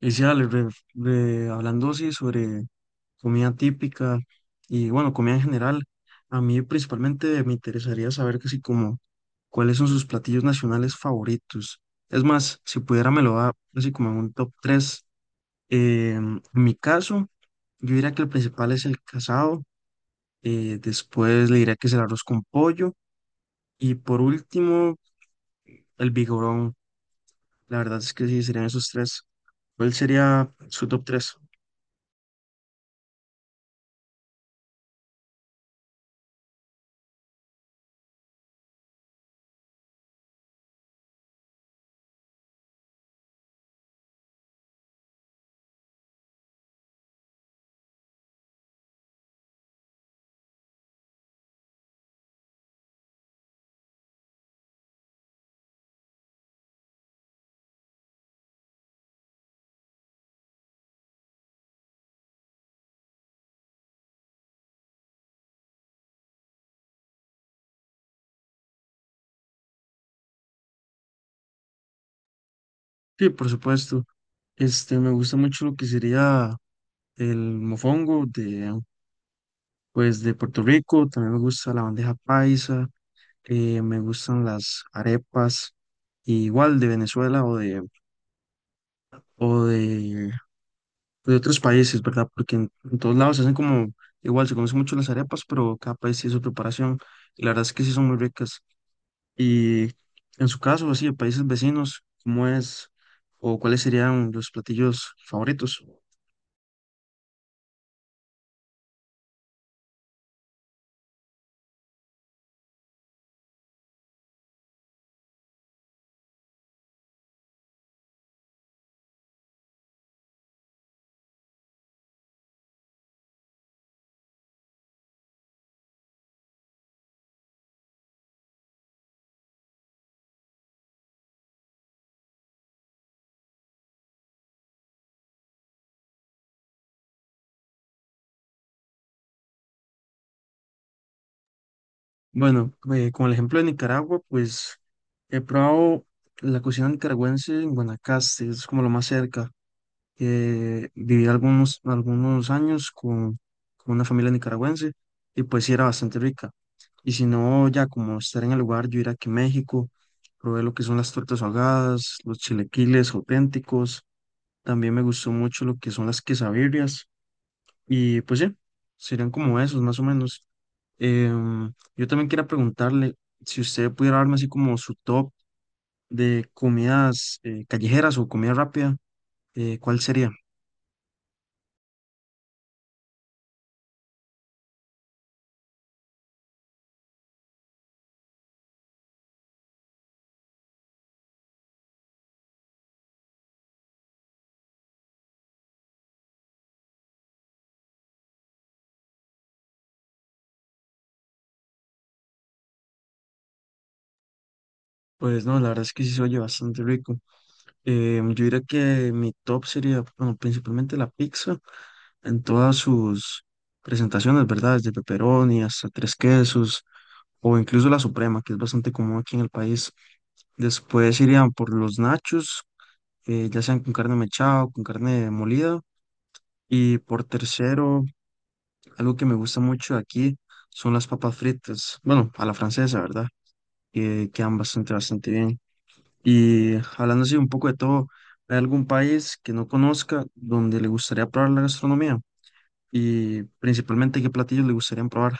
Y sí, Ale, hablando sí sobre comida típica y bueno, comida en general, a mí principalmente me interesaría saber casi como cuáles son sus platillos nacionales favoritos. Es más, si pudiera me lo da así como en un top tres. En mi caso, yo diría que el principal es el casado, después le diría que es el arroz con pollo y por último el vigorón. La verdad es que sí, serían esos tres. ¿Cuál sería su top tres? Sí, por supuesto. Este, me gusta mucho lo que sería el mofongo pues, de Puerto Rico, también me gusta la bandeja paisa, me gustan las arepas, y igual de Venezuela o de, de otros países, ¿verdad? Porque en todos lados se hacen como, igual se conocen mucho las arepas, pero cada país tiene su preparación, y la verdad es que sí son muy ricas. Y en su caso, así, de países vecinos, ¿cómo es o cuáles serían los platillos favoritos? Bueno, con el ejemplo de Nicaragua, pues he probado la cocina nicaragüense en Guanacaste, es como lo más cerca. Viví algunos años con una familia nicaragüense y pues sí era bastante rica. Y si no, ya como estar en el lugar, yo ir aquí a México, probé lo que son las tortas ahogadas, los chilequiles auténticos, también me gustó mucho lo que son las quesabirrias y pues sí, serían como esos más o menos. Yo también quería preguntarle si usted pudiera darme así como su top de comidas callejeras o comida rápida, ¿cuál sería? Pues no, la verdad es que sí se oye bastante rico. Yo diría que mi top sería, bueno, principalmente la pizza en todas sus presentaciones, ¿verdad? Desde pepperoni hasta tres quesos o incluso la suprema, que es bastante común aquí en el país. Después irían por los nachos, ya sean con carne mechada o con carne molida. Y por tercero, algo que me gusta mucho de aquí son las papas fritas. Bueno, a la francesa, ¿verdad? Que quedan bastante, bastante bien. Y hablando así un poco de todo, ¿hay algún país que no conozca donde le gustaría probar la gastronomía? Y principalmente, ¿qué platillos le gustaría probar?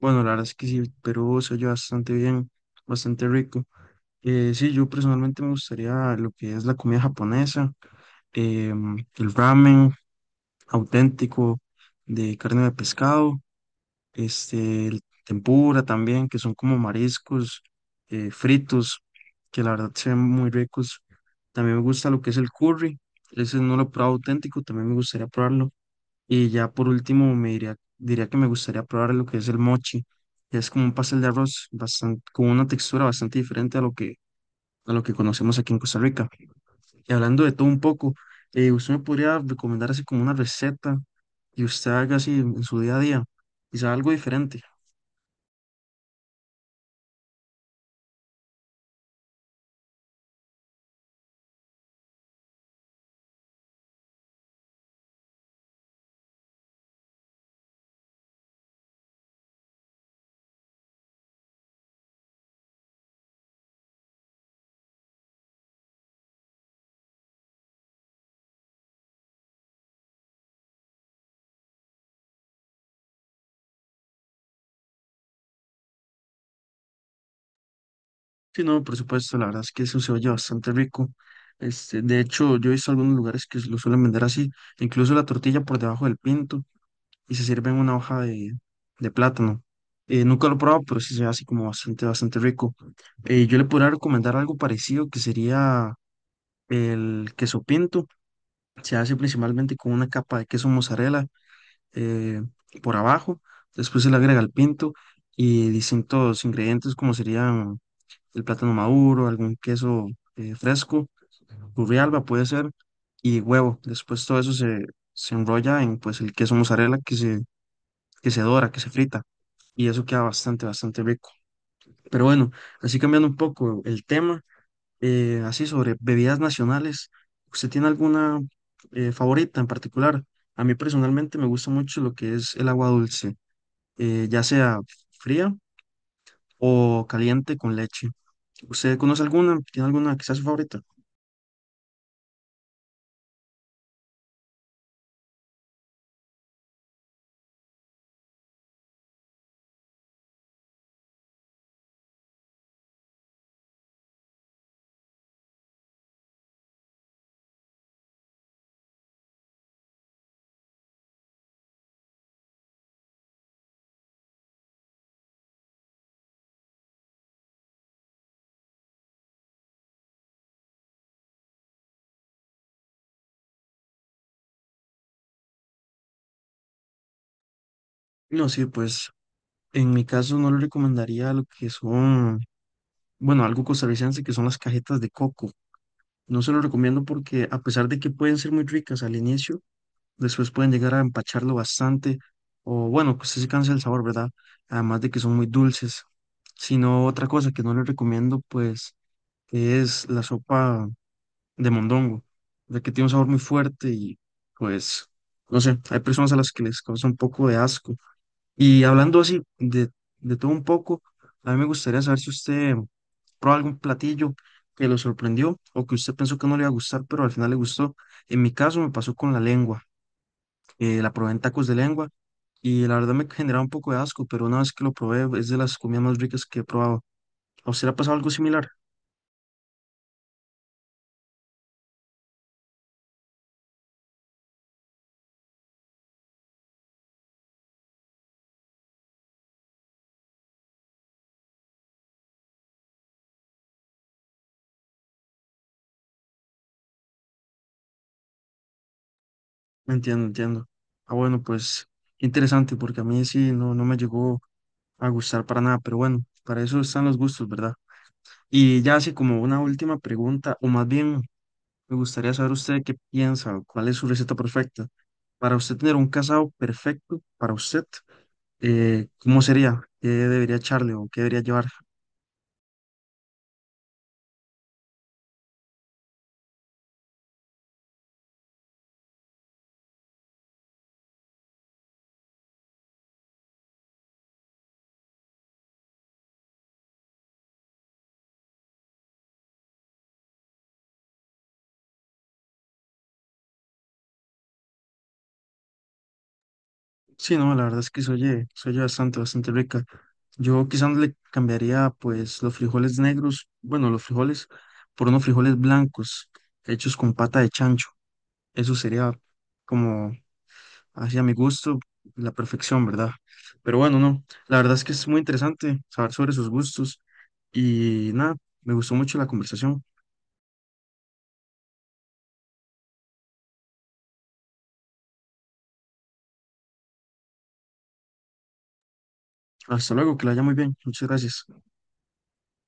Bueno, la verdad es que sí, Perú se oye bastante bien, bastante rico. Sí, yo personalmente me gustaría lo que es la comida japonesa, el ramen auténtico de carne de pescado, este, el tempura también, que son como mariscos fritos, que la verdad se ven muy ricos. También me gusta lo que es el curry, ese no lo he probado auténtico, también me gustaría probarlo. Y ya por último me diría que me gustaría probar lo que es el mochi, que es como un pastel de arroz bastante con una textura bastante diferente a lo que conocemos aquí en Costa Rica. Y hablando de todo un poco, ¿usted me podría recomendar así como una receta que usted haga así en su día a día? Quizá algo diferente. Sí, no, por supuesto, la verdad es que eso se oye bastante rico. Este, de hecho, yo he visto algunos lugares que lo suelen vender así, incluso la tortilla por debajo del pinto y se sirve en una hoja de plátano. Nunca lo he probado, pero sí se ve así como bastante, bastante rico. Yo le podría recomendar algo parecido que sería el queso pinto. Se hace principalmente con una capa de queso mozzarella, eh, por abajo, después se le agrega el pinto y distintos ingredientes como serían el plátano maduro, algún queso fresco, alba puede ser, y huevo. Después todo eso se enrolla en pues el queso mozzarella que se dora, que se frita, y eso queda bastante, bastante rico. Pero bueno, así cambiando un poco el tema, así sobre bebidas nacionales, ¿usted tiene alguna favorita en particular? A mí personalmente me gusta mucho lo que es el agua dulce, ya sea fría o caliente con leche. ¿Usted conoce alguna? ¿Tiene alguna que sea su favorita? No, sí, pues en mi caso no le recomendaría lo que son, bueno, algo costarricense que son las cajetas de coco. No se lo recomiendo porque a pesar de que pueden ser muy ricas al inicio, después pueden llegar a empacharlo bastante o bueno, pues sí se cansa el sabor, ¿verdad? Además de que son muy dulces. Sino otra cosa que no le recomiendo, pues, es la sopa de mondongo, de que tiene un sabor muy fuerte y pues, no sé, hay personas a las que les causa un poco de asco. Y hablando así de todo un poco, a mí me gustaría saber si usted probó algún platillo que lo sorprendió o que usted pensó que no le iba a gustar, pero al final le gustó. En mi caso me pasó con la lengua, la probé en tacos de lengua y la verdad me generaba un poco de asco, pero una vez que lo probé es de las comidas más ricas que he probado. ¿A usted le ha pasado algo similar? Entiendo, entiendo. Ah, bueno, pues interesante, porque a mí sí no, no me llegó a gustar para nada, pero bueno, para eso están los gustos, ¿verdad? Y ya así como una última pregunta, o más bien me gustaría saber usted qué piensa, o cuál es su receta perfecta. Para usted tener un casado perfecto para usted, ¿cómo sería? ¿Qué debería echarle o qué debería llevar? Sí, no, la verdad es que se oye bastante, bastante rica. Yo quizás le cambiaría pues los frijoles negros, bueno, los frijoles por unos frijoles blancos hechos con pata de chancho. Eso sería como hacia mi gusto la perfección, ¿verdad? Pero bueno, no, la verdad es que es muy interesante saber sobre sus gustos y nada, me gustó mucho la conversación. Hasta luego, que la haya muy bien. Muchas gracias.